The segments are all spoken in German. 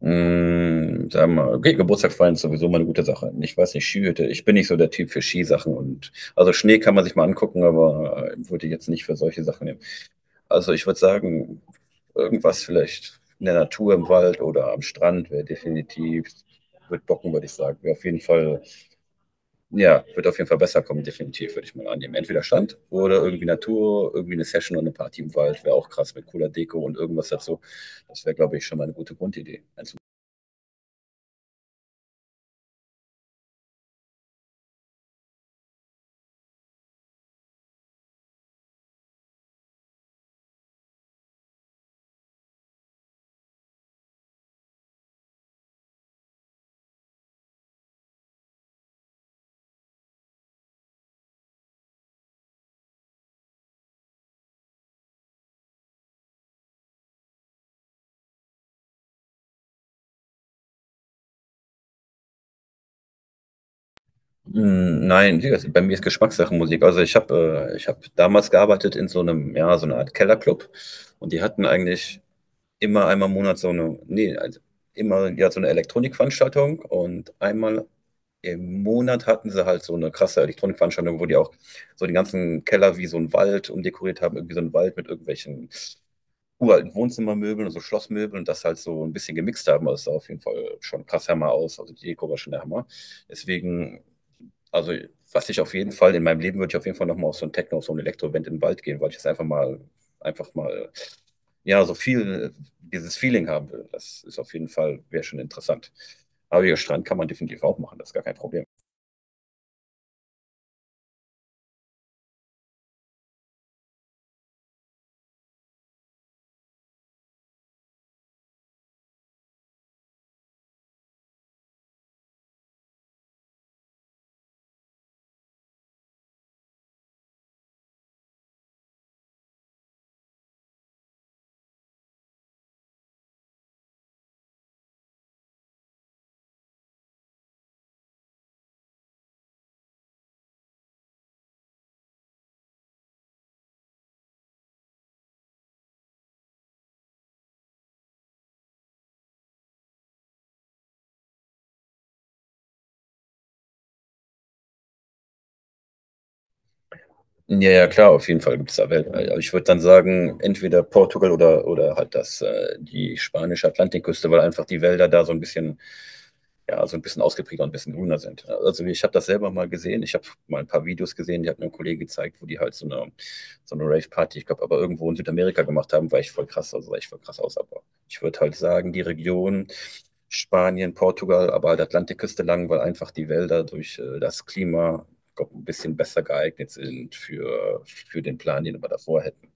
Hm, sagen wir okay, Geburtstag feiern ist sowieso mal eine gute Sache. Ich weiß nicht, Skihütte ich bin nicht so der Typ für Skisachen und also, Schnee kann man sich mal angucken, aber, würde ich jetzt nicht für solche Sachen nehmen. Also, ich würde sagen, irgendwas vielleicht in der Natur, im Wald oder am Strand wäre definitiv würde bocken, würde ich sagen. Wäre auf jeden Fall ja, wird auf jeden Fall besser kommen, definitiv, würde ich mal annehmen. Entweder Strand oder irgendwie Natur, irgendwie eine Session und eine Party im Wald wäre auch krass mit cooler Deko und irgendwas dazu. Das wäre, glaube ich, schon mal eine gute Grundidee. Als Hm, nein, wie gesagt, bei mir ist Geschmackssache Musik. Also, ich habe damals gearbeitet in so einem, ja, so einer Art Kellerclub und die hatten eigentlich immer einmal im Monat so eine, nee, also, immer ja, so eine Elektronikveranstaltung und einmal im Monat hatten sie halt so eine krasse Elektronikveranstaltung, wo die auch so den ganzen Keller wie so einen Wald umdekoriert haben, irgendwie so einen Wald mit irgendwelchen uralten Wohnzimmermöbeln und so Schlossmöbeln und das halt so ein bisschen gemixt haben. Also, es sah auf jeden Fall schon krass Hammer aus. Also, die Deko war schon der Hammer. Deswegen also, was ich auf jeden Fall in meinem Leben würde ich auf jeden Fall noch mal auf so ein Techno, auf so ein Elektro-Event in den Wald gehen, weil ich das einfach mal einfach mal, ja, so viel dieses Feeling haben will. Das ist auf jeden Fall wäre schon interessant. Aber ja, Strand kann man definitiv auch machen, das ist gar kein Problem. Ja, ja, klar, auf jeden Fall gibt es da Wellen. Also, ich würde dann sagen, entweder Portugal oder halt das die spanische Atlantikküste, weil einfach die Wälder da so ein bisschen ja, so ein bisschen ausgeprägter und ein bisschen grüner sind. Also ich habe das selber mal gesehen. Ich habe mal ein paar Videos gesehen, die hat mir ein Kollege gezeigt, wo die halt so eine Rave-Party, ich glaube, aber irgendwo in Südamerika gemacht haben, war ich voll krass, also sah ich voll krass aus. Aber ich würde halt sagen, die Region Spanien, Portugal, aber halt Atlantikküste lang, weil einfach die Wälder durch das Klima glaub, ein bisschen besser geeignet sind für den Plan, den wir davor hätten.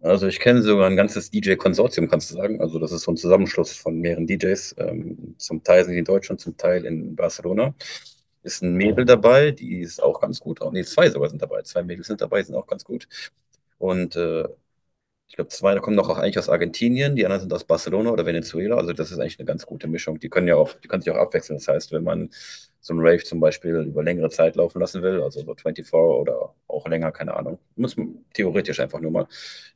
Also ich kenne sogar ein ganzes DJ-Konsortium, kannst du sagen. Also das ist so ein Zusammenschluss von mehreren DJs. Zum Teil sind die in Deutschland, zum Teil in Barcelona. Ist ein Mädel dabei, die ist auch ganz gut. Auch, nee, zwei sogar sind dabei. Zwei Mädels sind dabei, sind auch ganz gut. Und ich glaube, zwei da kommen noch auch eigentlich aus Argentinien, die anderen sind aus Barcelona oder Venezuela. Also das ist eigentlich eine ganz gute Mischung. Die können ja auch, die können sich auch abwechseln. Das heißt, wenn man so einen Rave zum Beispiel über längere Zeit laufen lassen will, also so 24 oder auch länger, keine Ahnung, muss man theoretisch einfach nur mal.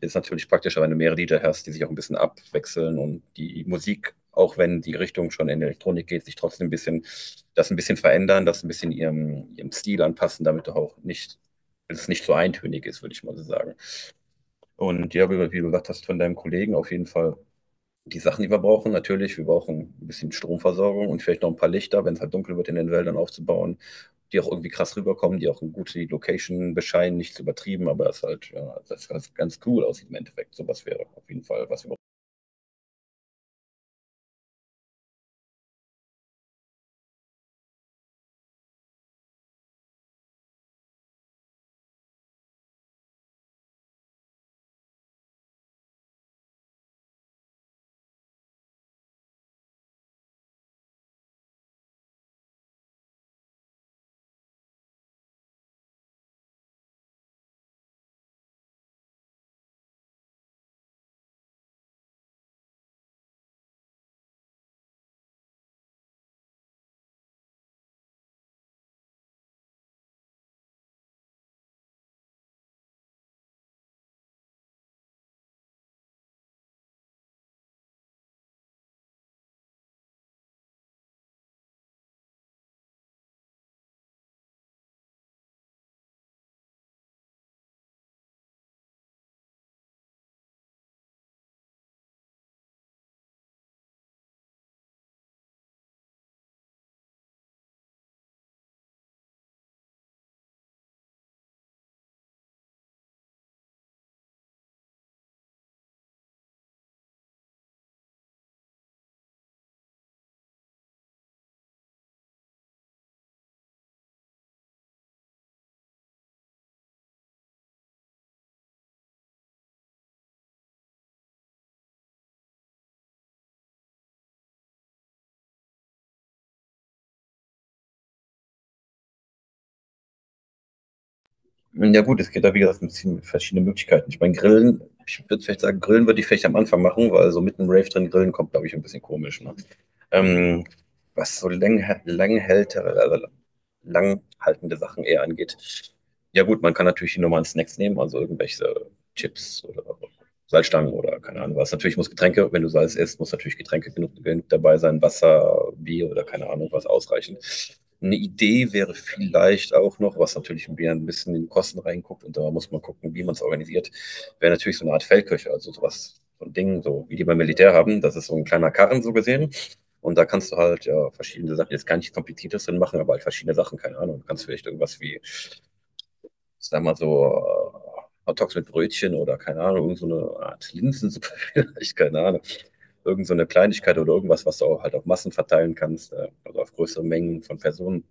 Ist natürlich praktischer, wenn du mehrere Lieder hast, die sich auch ein bisschen abwechseln und die Musik, auch wenn die Richtung schon in Elektronik geht, sich trotzdem ein bisschen, das ein bisschen verändern, das ein bisschen ihrem Stil anpassen, damit du auch nicht, dass es nicht so eintönig ist, würde ich mal so sagen. Und ja, wie du gesagt hast, von deinem Kollegen auf jeden Fall die Sachen, die wir brauchen. Natürlich, wir brauchen ein bisschen Stromversorgung und vielleicht noch ein paar Lichter, wenn es halt dunkel wird in den Wäldern aufzubauen, die auch irgendwie krass rüberkommen, die auch eine gute Location bescheinen, nichts übertrieben, aber es halt, ja, das ganz, ganz cool aussieht im Endeffekt. Sowas wäre auf jeden Fall, was wir brauchen. Ja gut, es geht da wie gesagt ein bisschen mit verschiedenen Möglichkeiten. Ich meine, Grillen, ich würde vielleicht sagen, Grillen würde ich vielleicht am Anfang machen, weil so mitten im Rave drin grillen kommt, glaube ich, ein bisschen komisch. Ne? Ähm, Was so lang, langhältere, also langhaltende Sachen eher angeht. Ja gut, man kann natürlich die normalen Snacks nehmen, also irgendwelche Chips oder Salzstangen oder keine Ahnung was. Natürlich muss Getränke, wenn du Salz isst, muss natürlich Getränke genug, genug dabei sein, Wasser, Bier oder keine Ahnung was ausreichen. Eine Idee wäre vielleicht auch noch, was natürlich ein bisschen- in die Kosten reinguckt und da muss man gucken, wie man es organisiert, wäre natürlich so eine Art Feldköche, also sowas, so ein Ding, so wie die beim Militär haben. Das ist so ein kleiner Karren so gesehen. Und da kannst du halt ja verschiedene Sachen, jetzt gar nicht kompliziertes drin machen, aber halt verschiedene Sachen, keine Ahnung. Du kannst vielleicht irgendwas wie ich sag mal so, Hotdogs mit Brötchen oder keine Ahnung, irgend so eine Art Linsensuppe vielleicht, keine Ahnung. Irgend so eine Kleinigkeit oder irgendwas, was du auch halt auf Massen verteilen kannst, also auf größere Mengen von Personen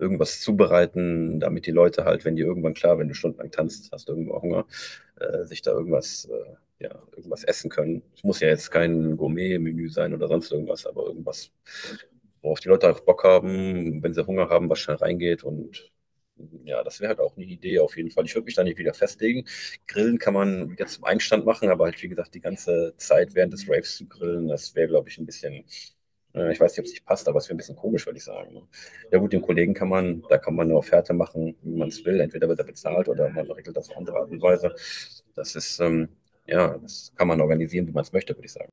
irgendwas zubereiten, damit die Leute halt, wenn die irgendwann klar, wenn du stundenlang tanzt, hast du irgendwo Hunger, sich da irgendwas, ja, irgendwas essen können. Es muss ja jetzt kein Gourmet-Menü sein oder sonst irgendwas, aber irgendwas, worauf die Leute auch Bock haben, wenn sie Hunger haben, was schnell reingeht und ja, das wäre halt auch eine Idee auf jeden Fall. Ich würde mich da nicht wieder festlegen. Grillen kann man wieder zum Einstand machen, aber halt, wie gesagt, die ganze Zeit während des Raves zu grillen, das wäre, glaube ich, ein bisschen ich weiß nicht, ob es nicht passt, aber es wäre ein bisschen komisch, würde ich sagen. Ne? Ja gut, den Kollegen kann man, da kann man eine Offerte machen, wie man es will. Entweder wird er bezahlt oder man regelt das auf andere Art und Weise. Das ist, ja, das kann man organisieren, wie man es möchte, würde ich sagen.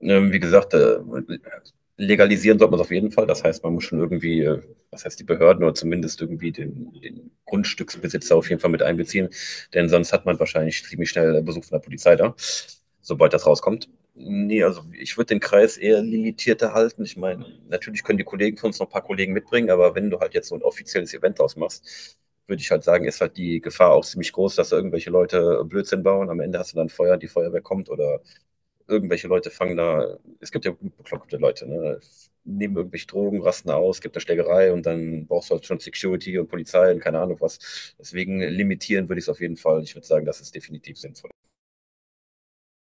Wie gesagt, legalisieren sollte man es auf jeden Fall. Das heißt, man muss schon irgendwie, was heißt die Behörden oder zumindest irgendwie den Grundstücksbesitzer auf jeden Fall mit einbeziehen. Denn sonst hat man wahrscheinlich ziemlich schnell Besuch von der Polizei da, sobald das rauskommt. Nee, also ich würde den Kreis eher limitierter halten. Ich meine, natürlich können die Kollegen von uns noch ein paar Kollegen mitbringen, aber wenn du halt jetzt so ein offizielles Event ausmachst, würde ich halt sagen, ist halt die Gefahr auch ziemlich groß, dass da irgendwelche Leute Blödsinn bauen. Am Ende hast du dann Feuer, die Feuerwehr kommt oder irgendwelche Leute fangen da, es gibt ja bekloppte Leute, ne? Nehmen irgendwelche Drogen, rasten aus, gibt eine Schlägerei und dann brauchst du halt schon Security und Polizei und keine Ahnung was. Deswegen limitieren würde ich es auf jeden Fall. Ich würde sagen, das ist definitiv sinnvoll.